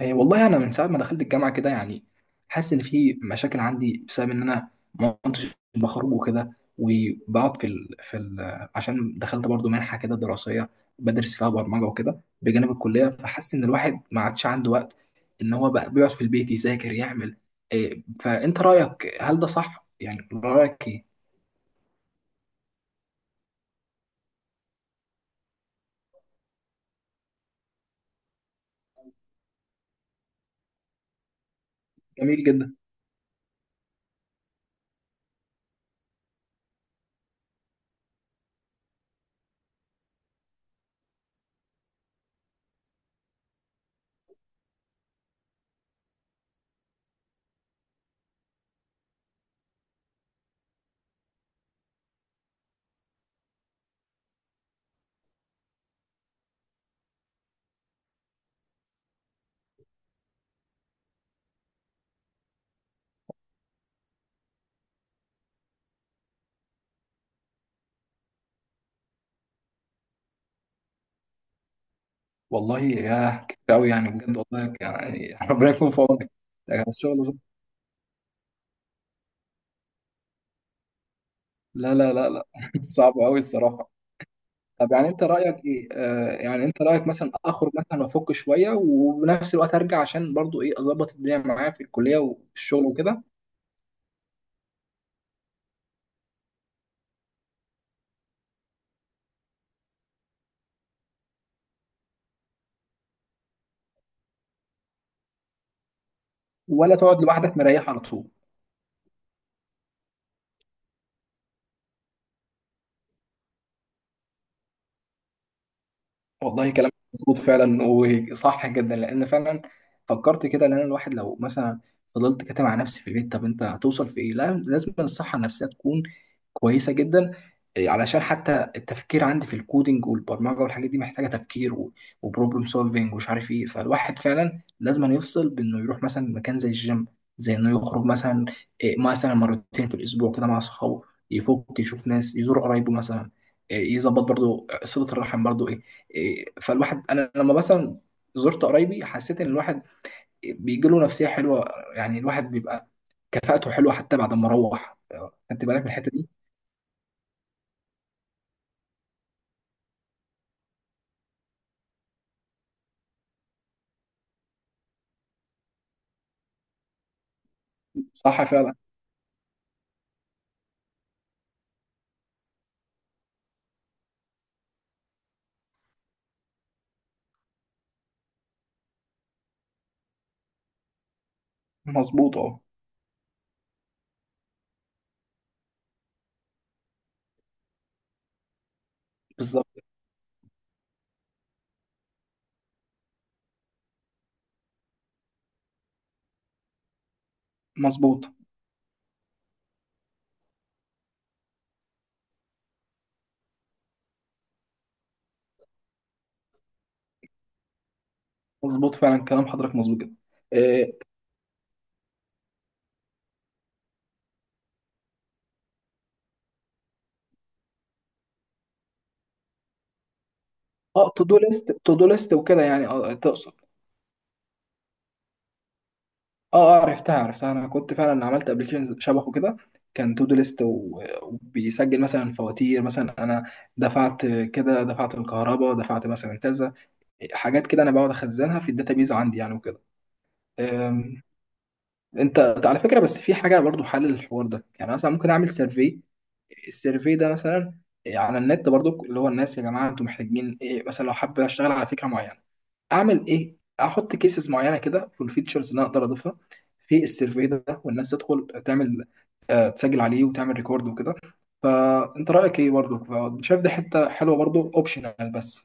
إيه، والله انا من ساعه ما دخلت الجامعه كده يعني حاسس ان في مشاكل عندي بسبب ان انا ما كنتش بخرج وكده. وبقعد عشان دخلت برضو منحه كده دراسيه بدرس فيها برمجه وكده بجانب الكليه، فحاسس ان الواحد ما عادش عنده وقت، ان هو بقى بيقعد في البيت يذاكر يعمل إيه. فانت رايك، هل ده صح؟ يعني رايك ايه؟ جميل جدا. والله يا كتير قوي يعني، بجد والله، يعني ربنا يكون في عونك. الشغل ده- لا لا لا لا صعب قوي الصراحه. طب يعني انت رايك ايه؟ يعني انت رايك مثلا اخرج مثلا وافك شويه، وبنفس الوقت ارجع عشان برضو ايه اظبط الدنيا معايا في الكليه والشغل وكده؟ ولا تقعد لوحدك مريح على طول؟ والله كلام مظبوط فعلا، وصح جدا. لان فعلا فكرت كده ان انا الواحد لو مثلا فضلت كاتم على نفسي في البيت، طب انت هتوصل في ايه؟ لا لازم الصحه النفسيه تكون كويسه جدا. إيه، علشان حتى التفكير عندي في الكودينج والبرمجه والحاجات دي محتاجه تفكير وبروبلم سولفينج ومش عارف ايه. فالواحد فعلا لازم أن يفصل بانه يروح مثلا مكان زي الجيم، زي انه يخرج مثلا. إيه، مثلا مرتين في الاسبوع كده مع اصحابه، يفك يشوف ناس، يزور قرايبه مثلا. إيه، يظبط برضو صله الرحم برضو. إيه، فالواحد، انا لما مثلا زرت قرايبي حسيت ان الواحد بيجي له نفسيه حلوه، يعني الواحد بيبقى كفاءته حلوه حتى بعد ما روح. خدت بالك من الحته دي؟ صح فعلا. مظبوط، اه. بالظبط. مظبوط مظبوط فعلا، كلام حضرتك مظبوط جدا. إيه، اه. تو دو ليست تو دو ليست وكده يعني، اه، تقصد. اه اه، عرفتها عرفتها. انا كنت فعلا عملت ابلكيشن شبهه كده، كان تو دو ليست وبيسجل مثلا فواتير. مثلا انا دفعت كده، دفعت الكهرباء، دفعت مثلا كذا، حاجات كده انا بقعد اخزنها في الداتابيز عندي يعني وكده. أم، انت، على فكره بس في حاجه برضو حل للحوار ده يعني. مثلا ممكن اعمل سيرفي، السيرفي ده مثلا على النت برضو، اللي هو الناس يا جماعه انتوا محتاجين ايه؟ مثلا لو حابب اشتغل على فكره معينه اعمل ايه؟ احط كيسز معينه كده في الفيتشرز اللي انا اقدر اضيفها في السيرفي ده، والناس تدخل تعمل تسجل عليه وتعمل ريكورد وكده. فانت رايك ايه؟ برضو شايف دي حته حلوه؟ برضو اوبشنال بس.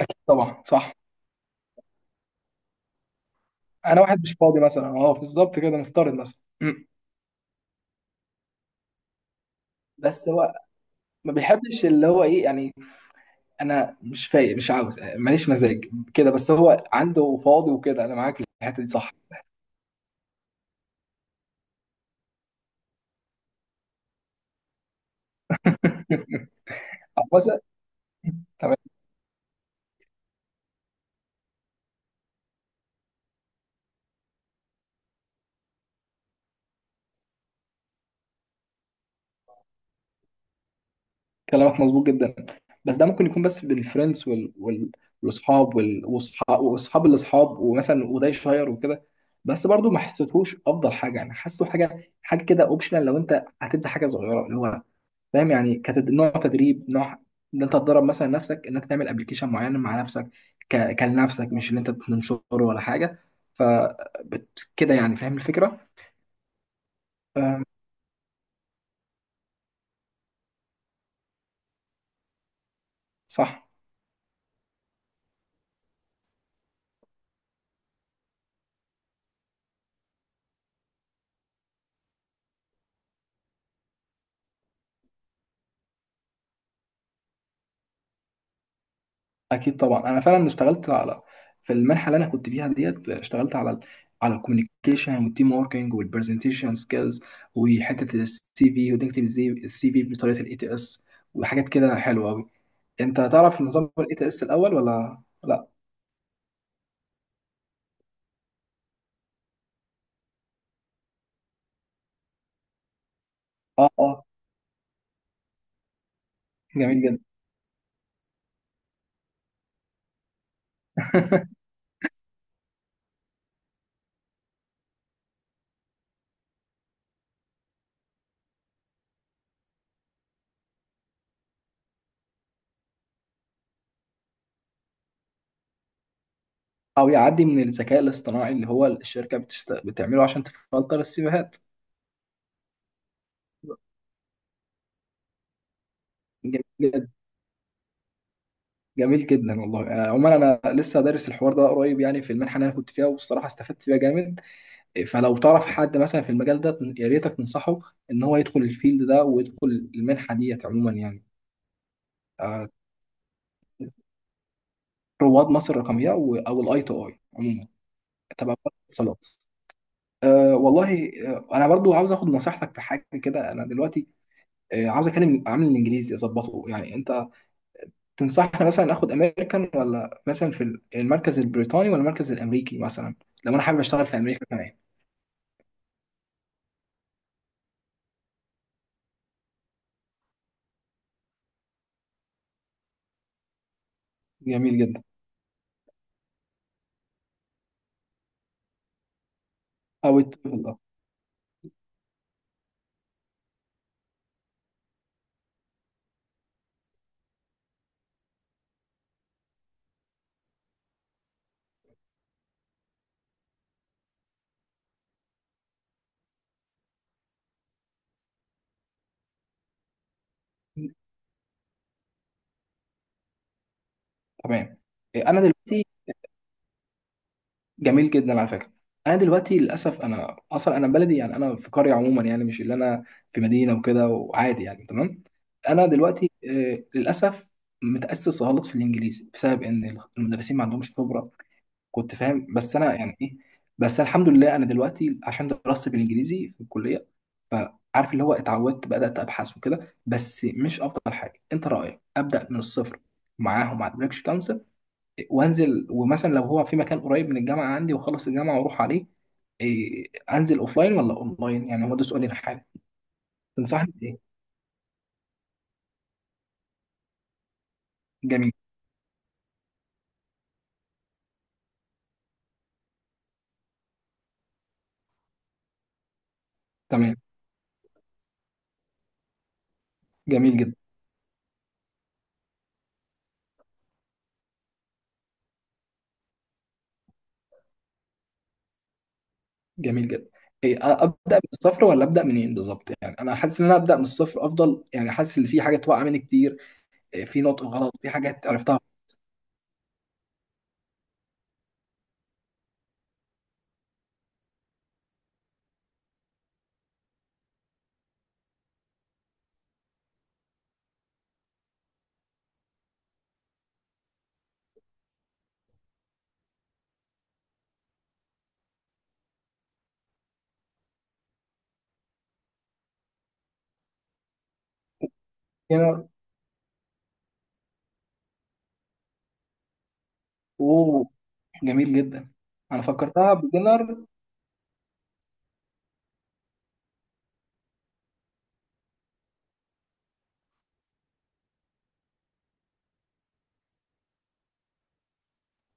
اكيد طبعا صح. انا واحد مش فاضي مثلا، اه بالظبط كده، نفترض مثلا بس هو ما بيحبش اللي هو ايه يعني. انا مش فايق، مش عاوز، ماليش مزاج كده. بس هو عنده فاضي وكده، انا معاك في الحته دي، صح. أو مثلا، تمام. كلامك مظبوط جدا. بس ده ممكن يكون بس بالفريندز والاصحاب واصحاب واصحاب الاصحاب ومثلا وده يشير وكده. بس برضو ما حسيتهوش افضل حاجه يعني، حاسه حاجه حاجه كده اوبشنال. لو انت هتبدا حاجه صغيره اللي هو فاهم يعني، نوع تدريب، نوع، ان انت تدرب مثلا نفسك، ان انت تعمل ابلكيشن معين مع نفسك، كلنفسك، مش ان انت تنشره ولا حاجه. ف كده يعني، فاهم الفكره؟ أم، صح. اكيد طبعا، انا فعلا اشتغلت على، في المنحه اللي انا كنت فيها ديت، اشتغلت على الكوميونيكيشن والتيم وركينج والبرزنتيشن سكيلز، وحته السي في، وتكتب ازاي السي في بطريقه الاي تي اس، وحاجات كده حلوه قوي. انت تعرف نظام الاي تي اس الاول ولا لا؟ اه اه. جميل جدا. او يعدي من الذكاء الاصطناعي، اللي هو الشركه بتعمله عشان تفلتر السيفيهات. جميل جدا. جميل جدا والله. عموما انا لسه دارس الحوار ده قريب يعني في المنحه اللي انا كنت فيها، والصراحه استفدت فيها جامد. إيه، فلو تعرف حد مثلا في المجال ده يا ريتك تنصحه، ان هو يدخل الفيلد ده ويدخل المنحه ديت عموما يعني. آه، رواد مصر الرقميه او الاي تو اي عموما، تبع وزارة الاتصالات. أه والله، انا برضو عاوز اخد نصيحتك في حاجه كده. انا دلوقتي عاوز اكلم عامل الانجليزي اظبطه يعني. انت تنصحني مثلا اخد امريكان، ولا مثلا في المركز البريطاني، ولا المركز الامريكي مثلا؟ لو انا حابب اشتغل في امريكا كمان. جميل جدا. او التوفل، اه. تمام. إيه، انا دلوقتي. جميل جدا على فكره. انا دلوقتي للاسف انا اصلا، انا بلدي يعني، انا في قريه عموما يعني، مش اللي انا في مدينه وكده وعادي يعني. تمام. انا دلوقتي للاسف متاسس غلط في الانجليزي بسبب ان المدرسين ما عندهمش خبره. كنت فاهم بس انا يعني ايه. بس أنا الحمد لله، انا دلوقتي عشان دراستي بالانجليزي في الكليه، فعارف اللي هو اتعودت، بدات ابحث وكده. بس مش افضل حاجه. انت رايك ابدا من الصفر معاهم، مع البريكش كونسل، وانزل؟ ومثلا لو هو في مكان قريب من الجامعه عندي، وخلص الجامعه واروح عليه. إيه، انزل اوفلاين ولا اونلاين يعني؟ هو ده سؤالي الحالي. تنصحني بايه؟ جميل. تمام. جميل جدا. جميل جدا. إيه، ابدا من الصفر ولا ابدا منين بالظبط يعني؟ انا حاسس ان انا ابدا من الصفر افضل يعني، حاسس ان في حاجات واقعه مني كتير. إيه، في نطق غلط، في حاجات عرفتها. بيجنر. اوه. جميل جدا. انا فكرتها بيجنر.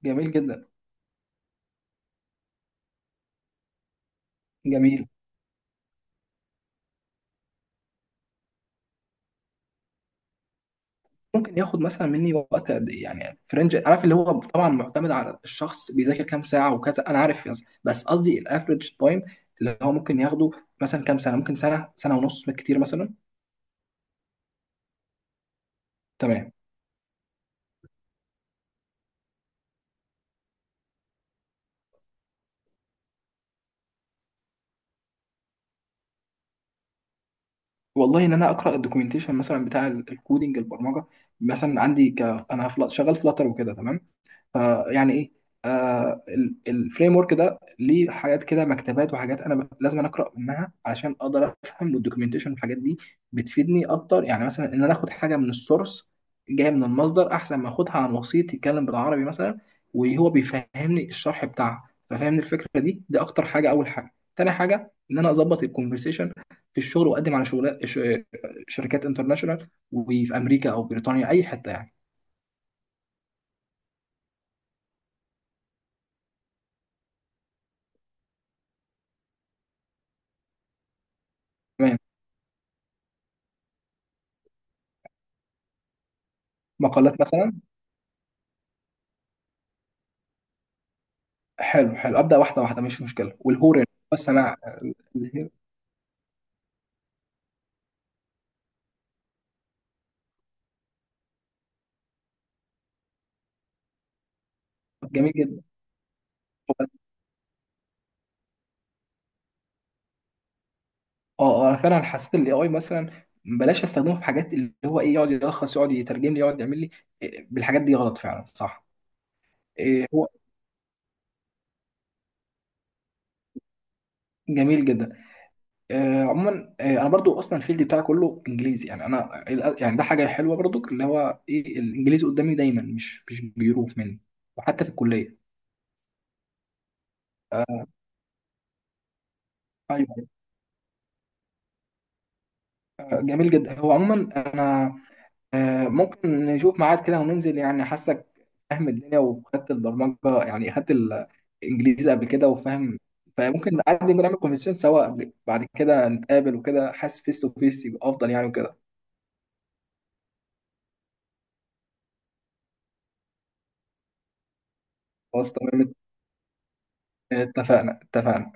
جميل جدا. جميل. ممكن ياخد مثلا مني وقت قد ايه يعني؟ في رينج؟ عارف اللي هو طبعا معتمد على الشخص، بيذاكر كام ساعه وكذا، انا عارف، بس قصدي الافريج تايم اللي هو ممكن ياخده، مثلا كام سنه؟ ممكن سنه، سنه ونص بالكتير مثلا. تمام. والله ان انا اقرا الدوكيومنتيشن مثلا بتاع الكودينج، البرمجه، مثلا عندي انا شغال فلاتر وكده، تمام. فيعني ايه، آه، الفريم ورك ده ليه حاجات كده، مكتبات وحاجات انا لازم أنا اقرا منها علشان اقدر افهم، والدوكيومنتيشن والحاجات دي بتفيدني اكتر. يعني مثلا، ان انا اخد حاجه من السورس، جايه من المصدر، احسن ما اخدها عن وسيط يتكلم بالعربي مثلا وهو بيفهمني الشرح بتاعها، ففهمني الفكره دي اكتر حاجه. اول حاجه. تاني حاجه، ان انا اظبط الكونفرسيشن في الشغل، واقدم على شركات انترناشونال، وفي امريكا او بريطانيا اي حته يعني. تمام. مقالات مثلا. حلو حلو، ابدا واحده واحده مش مشكله. والهورن، بس انا الهير- جميل جدا. اه اه، انا فعلا حسيت الاي اي مثلا بلاش استخدمه في حاجات اللي هو ايه، يقعد يلخص، يقعد يترجم لي، يقعد يعمل لي. إيه، بالحاجات دي غلط فعلا، صح. إيه، هو. جميل جدا. عموما، انا برضو اصلا الفيلد بتاعي كله انجليزي يعني انا. يعني ده حاجه حلوه برضو اللي هو ايه، الانجليزي قدامي دايما مش بيروح مني، وحتى في الكليه. ايوه. أيوة، جميل جدا. هو عموما انا ممكن نشوف ميعاد كده وننزل يعني، حاسك فاهم الدنيا وخدت البرمجة يعني، خدت الإنجليزي قبل كده وفاهم. فممكن نقعد نعمل كونفرسيشن سوا، بعد كده نتقابل وكده، حاسس فيس تو فيس يبقى أفضل يعني وكده. خلاص تمام. اتفقنا اتفقنا.